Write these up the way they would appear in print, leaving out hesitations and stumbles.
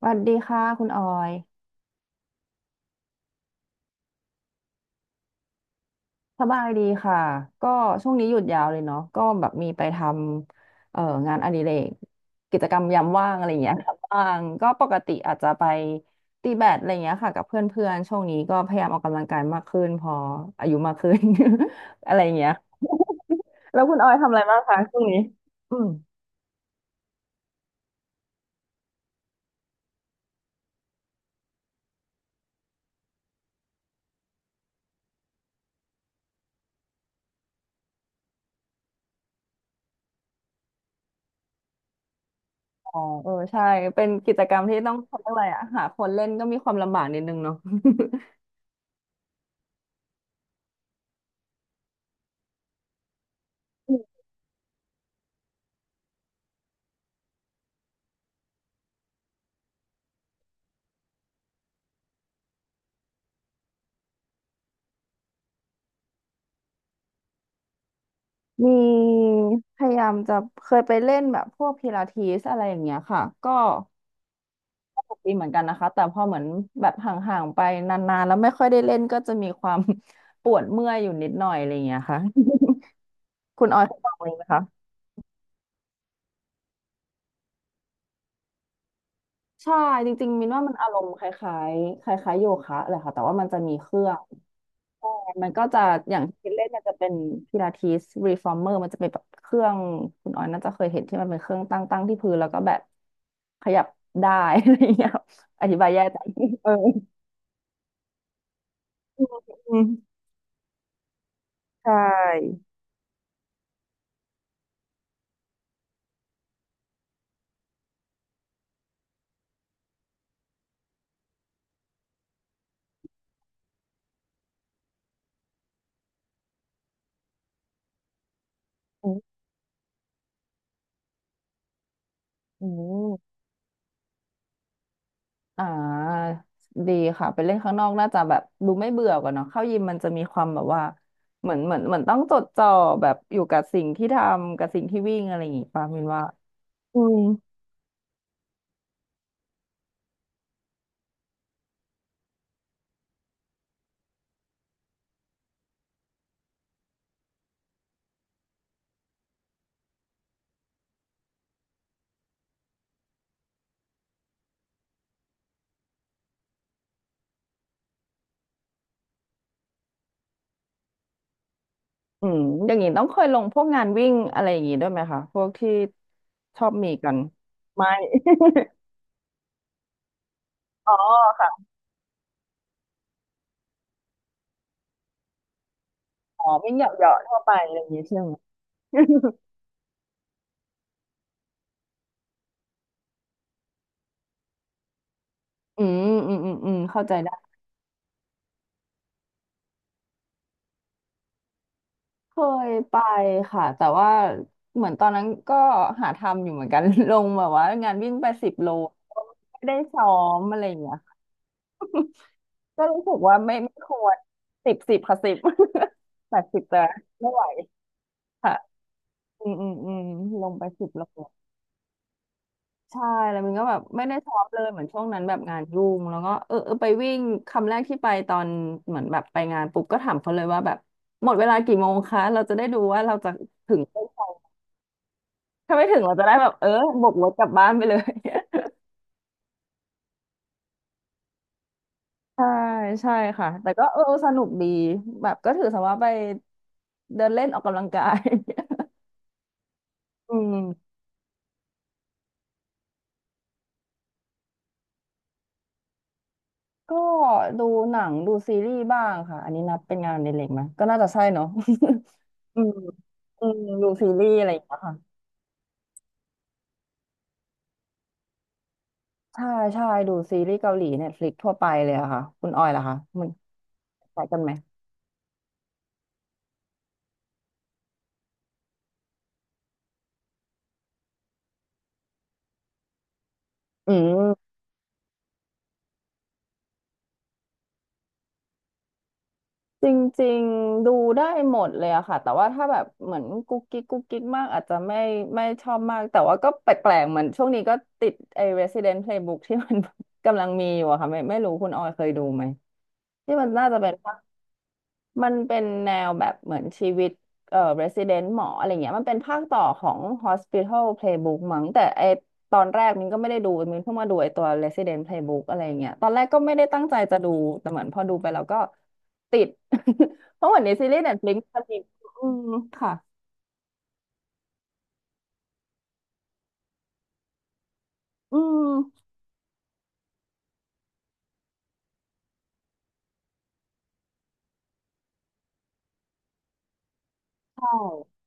สวัสดีค่ะคุณออยสบายดีค่ะก็ช่วงนี้หยุดยาวเลยเนาะก็แบบมีไปทำงานอดิเรกกิจกรรมยามว่างอะไรอย่างเงี้ย ครับบ้างก็ปกติอาจจะไปตีแบดอะไรอย่างเงี้ยค่ะกับเพื่อนๆช่วงนี้ก็พยายามออกกำลังกายมากขึ้นพออายุมากขึ้น อะไรอย่างเงี้ย แล้วคุณออยทำอะไรบ้างคะช่วงนี้อืมอ๋อเออใช่เป็นกิจกรรมที่ต้องเขาเรียกอะไรอะหาคนเล่นก็มีความลำบากนิดนึงเนาะ มีพยายามจะเคยไปเล่นแบบพวกพิลาทิสอะไรอย่างเงี้ยค่ะก็สนุกดีเหมือนกันนะคะแต่พอเหมือนแบบห่างๆไปนานๆแล้วไม่ค่อยได้เล่นก็จะมีความ ปวดเมื่อยอยู่นิดหน่อยอะไรอย่างเงี้ยค่ะ คุณออยเคยลองเลยไหมคะใช่จริงๆมินว่ามันอารมณ์คล้ายๆคล้ายๆโยคะเลยค่ะแต่ว่ามันจะมีเครื่อง มันก็จะอย่างที่เล่นมันจะเป็นพิลาทิสรีฟอร์เมอร์มันจะเป็นแบบเครื่องคุณออยน่าจะเคยเห็นที่มันเป็นเครื่องตั้งที่พื้นแล้วก็แบบขยับได้ อะไรอย่างเงี้ยครับอธิบายแย่แต่เอออืมใช่อืมอืมอ่าดีค่ะไปเล่นข้างนอกน่าจะแบบดูไม่เบื่อกันเนาะเข้ายิมมันจะมีความแบบว่าเหมือนต้องจดจ่อแบบอยู่กับสิ่งที่ทำกับสิ่งที่วิ่งอะไรอย่างงี้ป่ะมินว่าอืม อืมอย่างนี้ต้องเคยลงพวกงานวิ่งอะไรอย่างนี้ด้วยไหมคะพวกที่ชอบมีกันไม่อ๋อค่ะอ๋อวิ่งเหยาะๆทั่วไปอะไรอย่างนี้ใช่ไหม อืมอืมอืมอืมเข้าใจได้เคยไปค่ะแต่ว่าเหมือนตอนนั้นก็หาทำอยู่เหมือนกัน ลงแบบว่างานวิ่งไปสิบโลไม่ได้ซ้อมอะไรอย่างเงี้ยก็รู้สึกว่าไม่ไม่ควรสิบสิบค่ะสิบ แปดสิบแต่ไม่ไหวค่ะอืมอืมอืมลงไปสิบโล ใช่แล้วมันก็แบบไม่ได้ท็อปเลยเหมือนช่วงนั้นแบบงานยุ่งแล้วก็เออเออไปวิ่งคำแรกที่ไปตอนเหมือนแบบไปงานปุ๊บก็ถามเขาเลยว่าแบบหมดเวลากี่โมงคะเราจะได้ดูว่าเราจะถึงเส้นชัยถ้าไม่ถึงเราจะได้แบบเออบวกรถกลับบ้านไปเลย ใช่ใช่ค่ะแต่ก็เออสนุกดีแบบก็ถือซะว่าไปเดินเล่นออกกำลังกาย อืม ก็ดูหนังดูซีรีส์บ้างค่ะอันนี้นับเป็นงานในเล็กไหมก็น่าจะใช่เนาะ อืม อืมดูซีรีส์อะไรอย่างเงี้ยค่ะใช่ใช่ดูซีรีส์เกาหลีเน็ตฟลิกทั่วไปเลยอะค่ะคุณออยล่ะคะมันคล้ายกันไหมอืมจริงๆดูได้หมดเลยอะค่ะแต่ว่าถ้าแบบเหมือนกุ๊กกิ๊กกุ๊กกิ๊กมากอาจจะไม่ไม่ชอบมากแต่ว่าก็แปลกๆเหมือนช่วงนี้ก็ติดไอ้ Resident Playbook ที่มัน กำลังมีอยู่อะค่ะไม่ไม่รู้คุณออยเคยดูไหมที่มันน่าจะเป็น มันเป็นแนวแบบเหมือนชีวิตresident หมออะไรเงี้ยมันเป็นภาคต่อของ Hospital Playbook มั้งแต่ไอตอนแรกมินก็ไม่ได้ดูมินเพิ่งมาดูไอตัว Resident Playbook อะไรเงี้ยตอนแรกก็ไม่ได้ตั้งใจจะดูแต่เหมือนพอดูไปแล้วก็ติด เพราะเหมือนในซีรีส์ Netflix มันมีอืมค่ะอืมใช่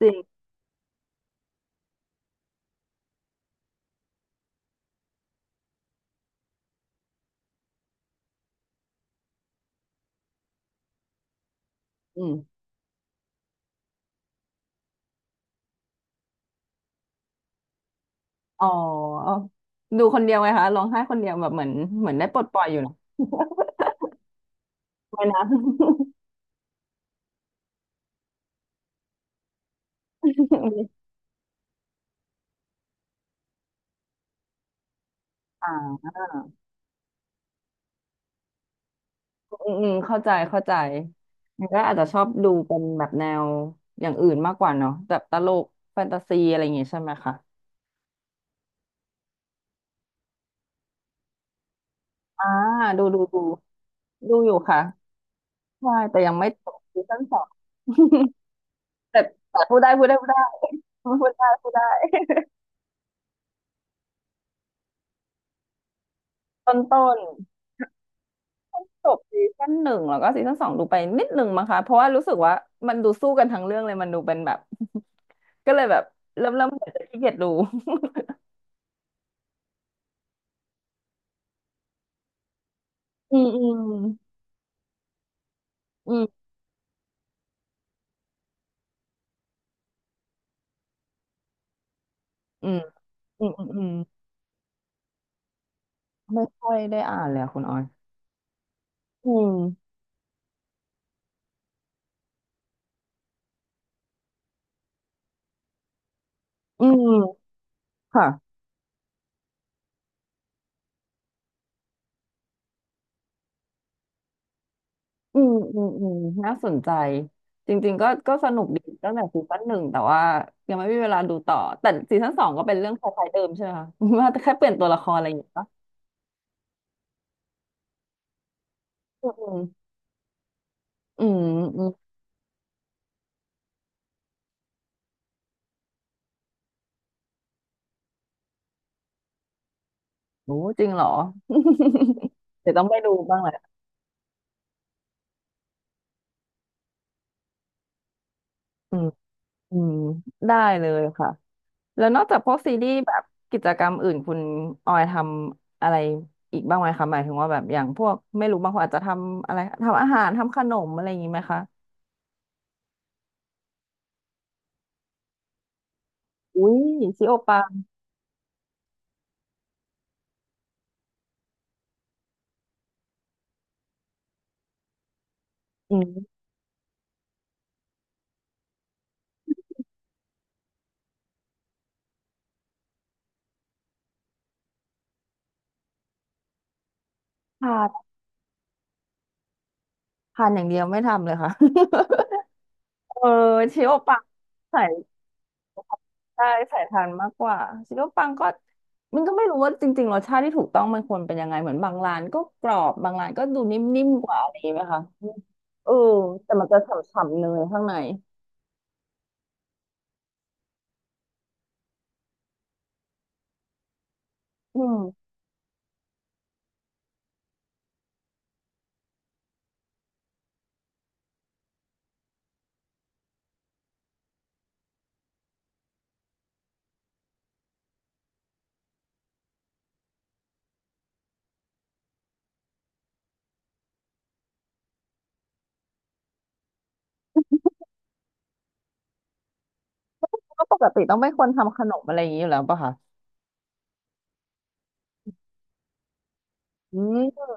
จริงอืมอ๋อดูคนเดียวไงคะร้องไห้คนเดียวแบบเหมือนเหมือนได้ปลดปล่อยอยู่นะ ไม่นะ อ่า อืมอืมเข้าใจเข้าใจมันก็อาจจะชอบดูเป็นแบบแนวอย่างอื่นมากกว่าเนาะแบบตลกแฟนตาซีอะไรอย่างงี้ใช่ไหมคะอ่าดูดูดูดูอยู่ค่ะใช่แต่ยังไม่จบซีซั่นสอง แต่แต่พูดได้พูดได้พูดได้พูดได้พูดได้ต้นต้นจบซีซั่นหนึ่งแล้วก็ซีซั่นสองดูไปนิดหนึ่งมั้งคะเพราะว่ารู้สึกว่ามันดูสู้กันทั้งเรื่องเลยมันดูเป็นแบบก็เลยแบบเริ่มเหมือนจะขี้เกียจดูอืมอืมอืมอืมอืมอืมอืม ไม่ค่อยได้อ่านเลยอะคุณออยอืมอืมค่ะอืมอืมอืมน่าสนใจ จริงๆ ก็ก็สนุกดีตั้งแต่ซีซั่นหนึ่งแต่ว่ายังไม่มีเวลาดูต่อ แต่ซีซั่นสองก็เป็นเรื่องคล้ายๆเดิมใช่ไหมคะ ว่าแค่เปลี่ยนตัวละครอะไรอย่างเงี้ยปะอืมอืมอืมโอ้จริงเหรอ เดี๋ยวต้องไปดูบ้างแหละอืมอืมได้เลยค่ะ แล้วนอกจากพวกซีรีส์แบบกิจกรรมอื่นคุณออยทำอะไรอีกบ้างไหมคะหมายถึงว่าแบบอย่างพวกไม่รู้บางคนอาจจะทำอะไรทำอาหารทำขนมอะไรอย่างนี้ไหมคะอุ้ยชิโอปังอืมทานทานอย่างเดียวไม่ทำเลยค่ะ เออชิโอปังใส่ใช่ใส่ทานมากกว่าชิโอปังก็มันก็ไม่รู้ว่าจริงๆรสชาติที่ถูกต้องมันควรเป็นยังไงเหมือนบางร้านก็กรอบบางร้านก็ดูนิ่มๆกว่าอะไรอย่างนี้ไหมคะเออแต่มันจะฉ่ำๆเนยข้างในอืม ก็ปกติต้องเป็นคนทำขนมอะไรอย่างนี้อยู่แล้วป่ะคะอืม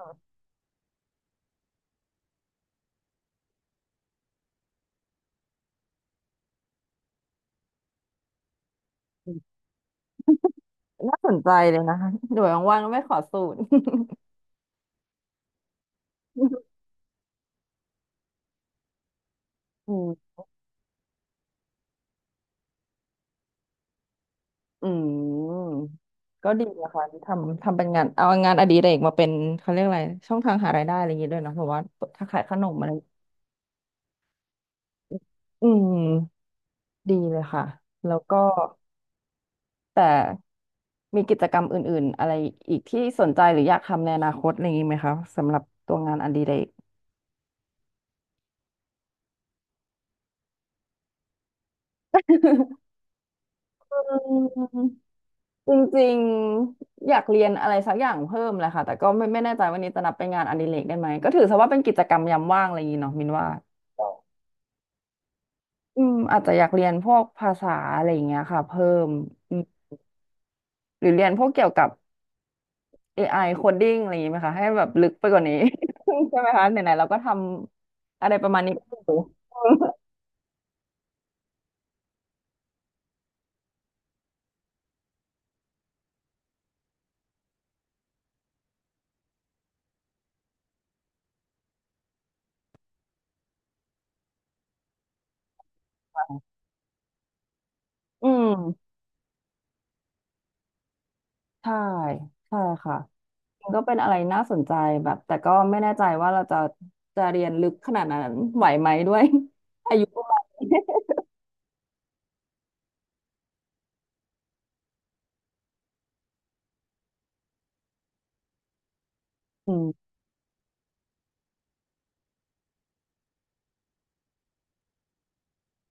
น่าสนใจเลยนะ คะเดี๋ยวว่างๆไม่ขอสูตร อืมอืมก็ดีนะคะทำทำเป็นงานเอางานอดิเรกมาเป็นเขาเรียกอะไรช่องทางหารายได้อะไรอย่างนี้ด้วยเนาะแบบว่าถ้าขายขนมอะไรอืมดีเลยค่ะแล้วก็แต่มีกิจกรรมอื่นๆอะไรอีกที่สนใจหรืออยากทำในอนาคตอะไรอย่างนี้ไหมคะสำหรับตัวงานอดิเรกอืม จริงๆอยากเรียนอะไรสักอย่างเพิ่มแหละค่ะแต่ก็ไม่แน่ใจวันนี้จะนับเป็นงานอดิเรกได้ไหมก็ถือซะว่าเป็นกิจกรรมยามว่างอะไรอย่างงี้เนาะมินว่าอืมอาจจะอยากเรียนพวกภาษาอะไรอย่างเงี้ยค่ะเพิ่มอืมหรือเรียนพวกเกี่ยวกับ AI coding อะไรอย่างงี้ไหมคะให้แบบลึกไปกว่านี้ ใช่ไหมคะไหนๆเราก็ทำอะไรประมาณนี้ก็อยู่อืมใช่ใช่ค่ะ ริงๆก็เป็นอะไรน่าสนใจแบบแต่ก็ไม่แน่ใจว่าเราจะเรียนลึกขนาดนั้นไหวไหมด้วย อายุประมาณนี้ อืม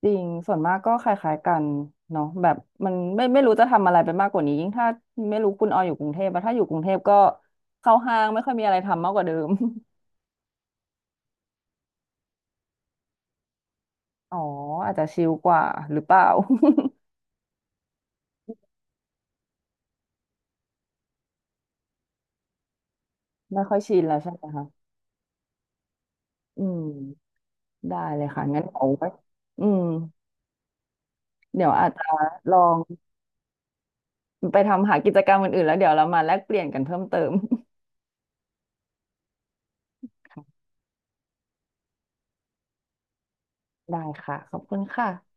จริงส่วนมากก็คล้ายๆกันเนาะแบบมันไม่รู้จะทำอะไรไปมากกว่านี้ยิ่งถ้าไม่รู้คุณออยอยู่กรุงเทพอะถ้าอยู่กรุงเทพก็เข้าห้างไม่ค่อยมีอะไรทำมากกว่าเดิม อ๋ออาจจะชิลกว่าหรือเปล่า ไม่ค่อยชินแล้วใช่ไหมคะอืมได้เลยค่ะงั้นเอาไว้อืมเดี๋ยวอาจจะลอง ไปทำหากิจกรรมอื่นๆแล้วเดี๋ยวเรามาแลกเปลี่ยนกันเพิ่มเติม ได้ค่ะขอบคุณค่ะ